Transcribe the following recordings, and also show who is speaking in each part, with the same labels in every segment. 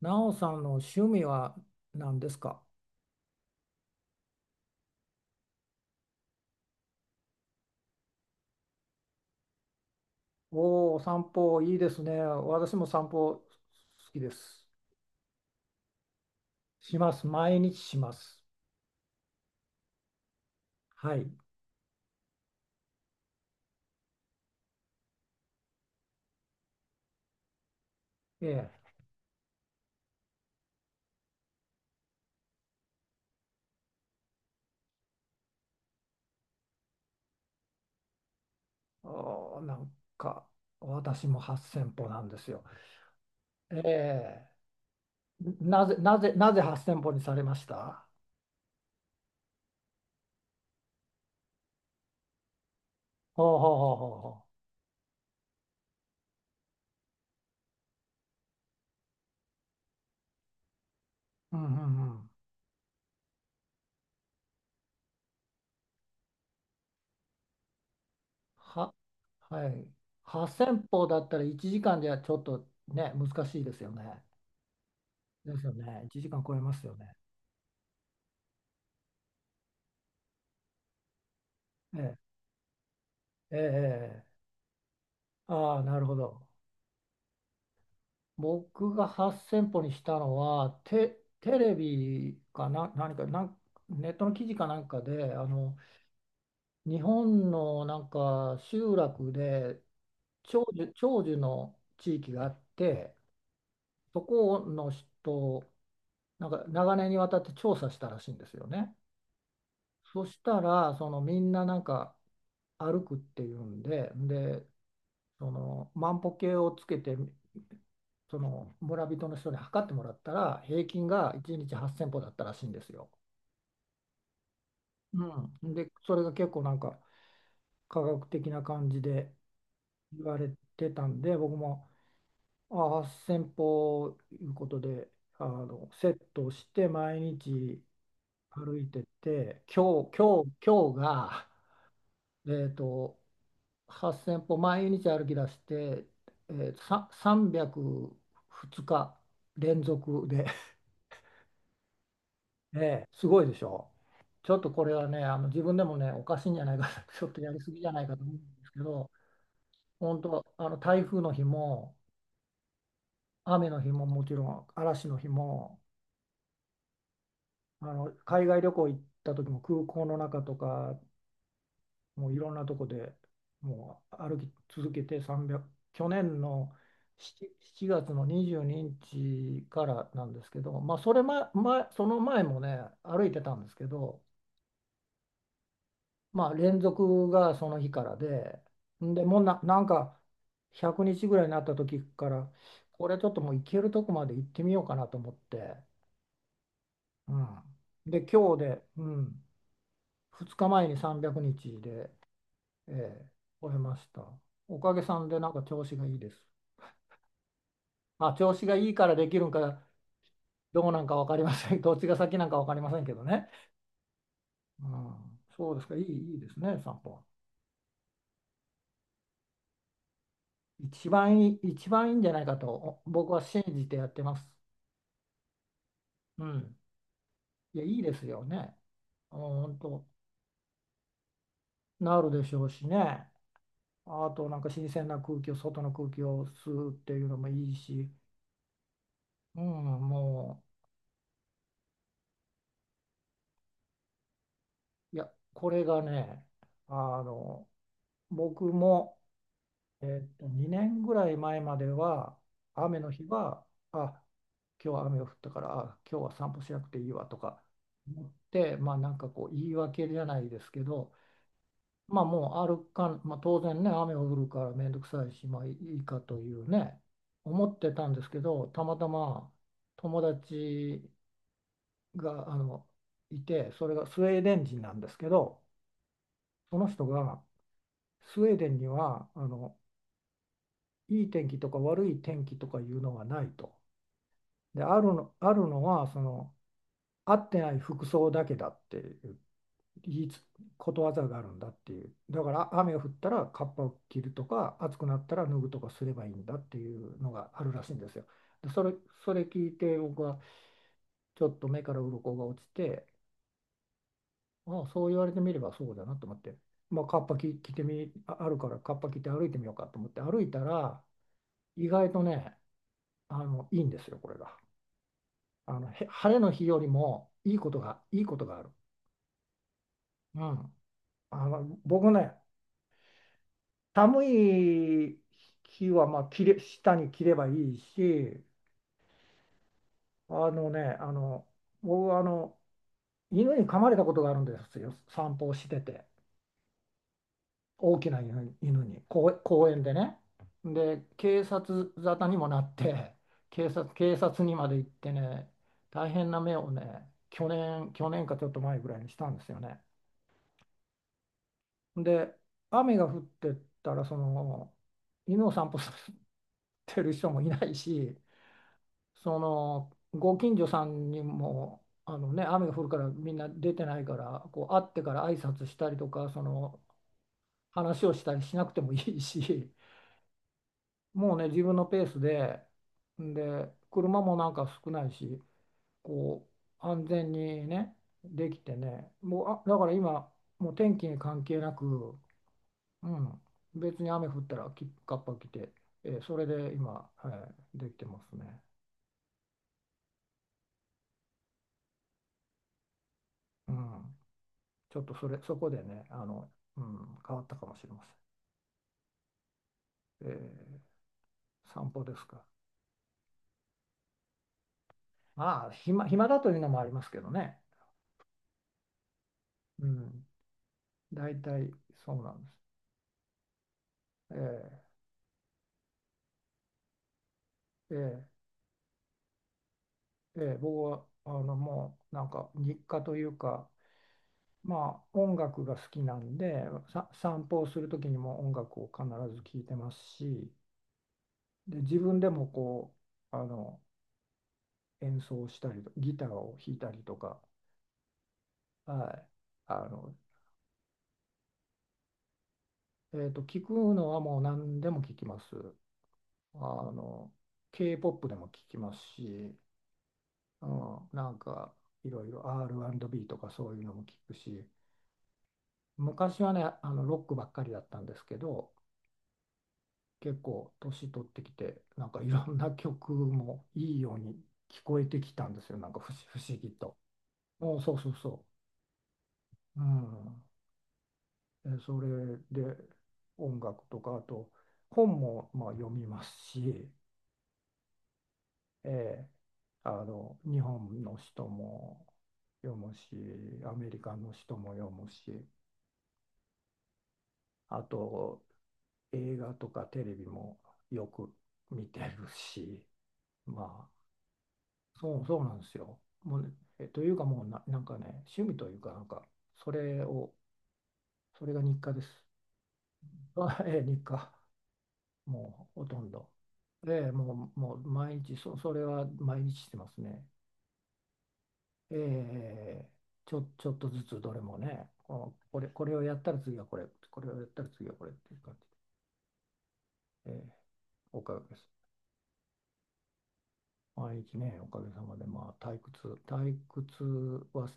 Speaker 1: なおさんの趣味は何ですか？おおー、散歩いいですね。私も散歩好きです。します。毎日します。はい。ええ。おーなんか、私も8000歩なんですよ。ええ。なぜ8000歩にされました？ほうほうほうほうほう。うんうんうん。は、はい。8000歩だったら1時間じゃちょっとね、難しいですよね。ですよね。1時間超えますよね。ええええ、ああ、なるほど。僕が8000歩にしたのは、テレビかな、何か、ネットの記事かなんかで、日本のなんか集落で長寿の地域があって、そこの人、なんか長年にわたって調査したらしいんですよね。そしたら、そのみんななんか歩くっていうんで、で、その万歩計をつけてその村人の人に測ってもらったら平均が1日8千歩だったらしいんですよ。うん、でそれが結構なんか科学的な感じで言われてたんで僕もあ8千0 0歩いうことで、あのセットをして毎日歩いてて今日が、えっと8000歩毎日歩き出して、302日連続で、ええすごいでしょ。ちょっとこれはね、あの自分でもね、おかしいんじゃないか、ちょっとやりすぎじゃないかと思うんですけど、本当、あの台風の日も、雨の日ももちろん、嵐の日も、あの海外旅行行った時も空港の中とか、もういろんなとこでもう歩き続けて300去年の7月の22日からなんですけど、まあ、その前もね歩いてたんですけど、まあ、連続がその日からで、んでもうなんか100日ぐらいになった時からこれちょっともう行けるとこまで行ってみようかなと思って、うん、で今日で、うん、2日前に300日でええ、終えました。おかげさんでなんか調子がいいです。まあ、調子がいいからできるんか、どうなんか分かりません。どっちが先なんか分かりませんけどね。うん、そうですか。いいですね、散歩は。一番いいんじゃないかと僕は信じてやってます。うん。いや、いいですよね。うん、本当、なるでしょうしね。あと、なんか新鮮な空気を、外の空気を吸うっていうのもいいし。うん、もう、いや、これがね、あの、僕も、2年ぐらい前までは、雨の日は、あ、今日は雨が降ったから、今日は散歩しなくていいわとか思って、まあなんかこう言い訳じゃないですけど、まあもうまあ当然ね、雨が降るから面倒くさいし、まあいいかというね、思ってたんですけど、たまたま友達がいて、それがスウェーデン人なんですけど、その人がスウェーデンにはいい天気とか悪い天気とかいうのがないと。で、あるのはその合ってない服装だけだっていう言いつことわざがあるんだっていう。だから雨が降ったらカッパを着るとか暑くなったら脱ぐとかすればいいんだっていうのがあるらしいんですよ。で、それ聞いて僕はちょっと目から鱗が落ちて、ああ、そう言われてみればそうだなと思って。まあ、カッパ着、着てみ、ああるからカッパ着て歩いてみようかと思って歩いたら意外とね、いいんですよ、これが。あのへ晴れの日よりもいいことがある。うん、僕ね、寒い日はまあ下に着ればいいし、あのねあの僕は犬に噛まれたことがあるんですよ、散歩をしてて。大きな犬に公園でね。で警察沙汰にもなって、 警察にまで行ってね、大変な目をね去年かちょっと前ぐらいにしたんですよね。で、雨が降ってたら、犬を散歩させてる人もいないし、ご近所さんにも、雨が降るからみんな出てないから、こう会ってから挨拶したりとか、話をしたりしなくてもいいし、もうね、自分のペースで、で、車もなんか少ないし、こ安全にね、できてね、もう、だから今、もう天気に関係なく、うん、別に雨降ったらカッパ着て、それで今、はい、できてますね。うん、ちょっとそこでね、うん、変わったかもしれません。散歩ですか？まあ、暇だというのもありますけどね。うん、大体そうなんです。えーえー僕はもうなんか日課というか、まあ、音楽が好きなんで、散歩をする時にも音楽を必ず聴いてますし、で自分でもうあの演奏したりとギターを弾いたりとか、はい、あの、聞くのはもう何でも聞きます。あの K-POP でも聞きますし、うん、なんかいろいろ R&B とかそういうのも聞くし、昔はねロックばっかりだったんですけど、結構年取ってきてなんかいろんな曲もいいように聞こえてきたんですよ、なんか不思議と。おそうそうそう。うん、それで音楽とかあと本もまあ読みますし、えー日本の人も読むし、アメリカの人も読むし、あと映画とかテレビもよく見てるし、まあそうそうなんですよ。もうね、というかもうなんかね、趣味というかなんかそれをそれが日課です。日課。もうほとんど。ええ、もう毎日それは毎日してますね。ええ、ちょっとずつどれもね、これをやったら次はこれ、これをやったら次はこれっていう感じで、ええ、おかげです。毎日ね、おかげさまで、まあ、退屈は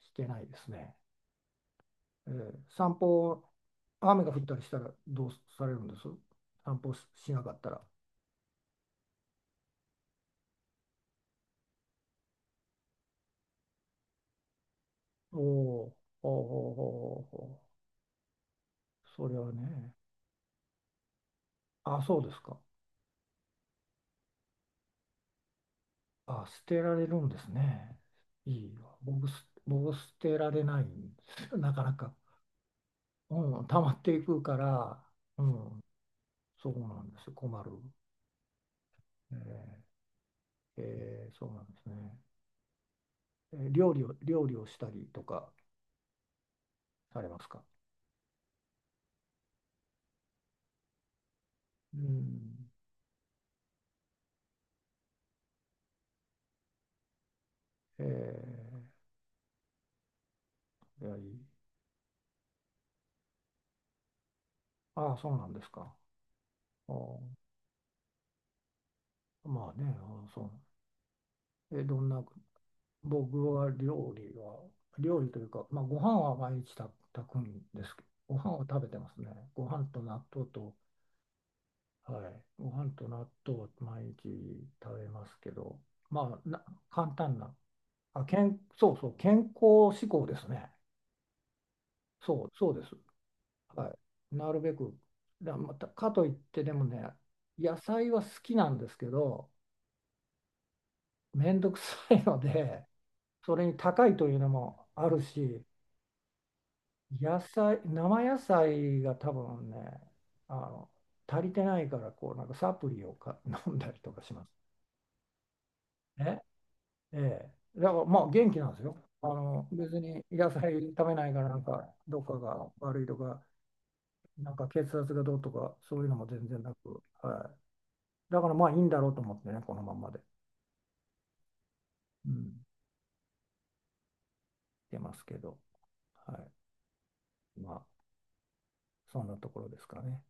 Speaker 1: してないですね。ええ、散歩、雨が降ったりしたらどうされるんです、散歩しなかったら？おお、おお、おお、おお、それはね。あ、そうですか。あ、捨てられるんですね。いいわ。僕捨てられないんですよ、なかなか。うん、溜まっていくから、うん、そうなんですよ、困る。えーそうなんですね。料理をしたりとかされますか？うん。えいや、いい。ああ、そうなんですか。あーまあね、あーそう。どんな僕は料理というか、まあ、ご飯は毎日炊くんですけど、ご飯を食べてますね。ご飯と納豆と、はい、ご飯と納豆を毎日食べますけど、まあ、簡単な、そうそう、健康志向ですね。そう、そうです。はい。なるべく、また、かといってでもね、野菜は好きなんですけど、めんどくさいので、それに高いというのもあるし、生野菜が多分ね、あの、足りてないから、なんかサプリを飲んだりとかします。えええ。だからまあ元気なんですよ。別に野菜食べないから、なんか、どっかが悪いとか、なんか血圧がどうとか、そういうのも全然なく、はい。だからまあいいんだろうと思ってね、このまんまで。うん、出ますけど、はい。まあ、そんなところですかね。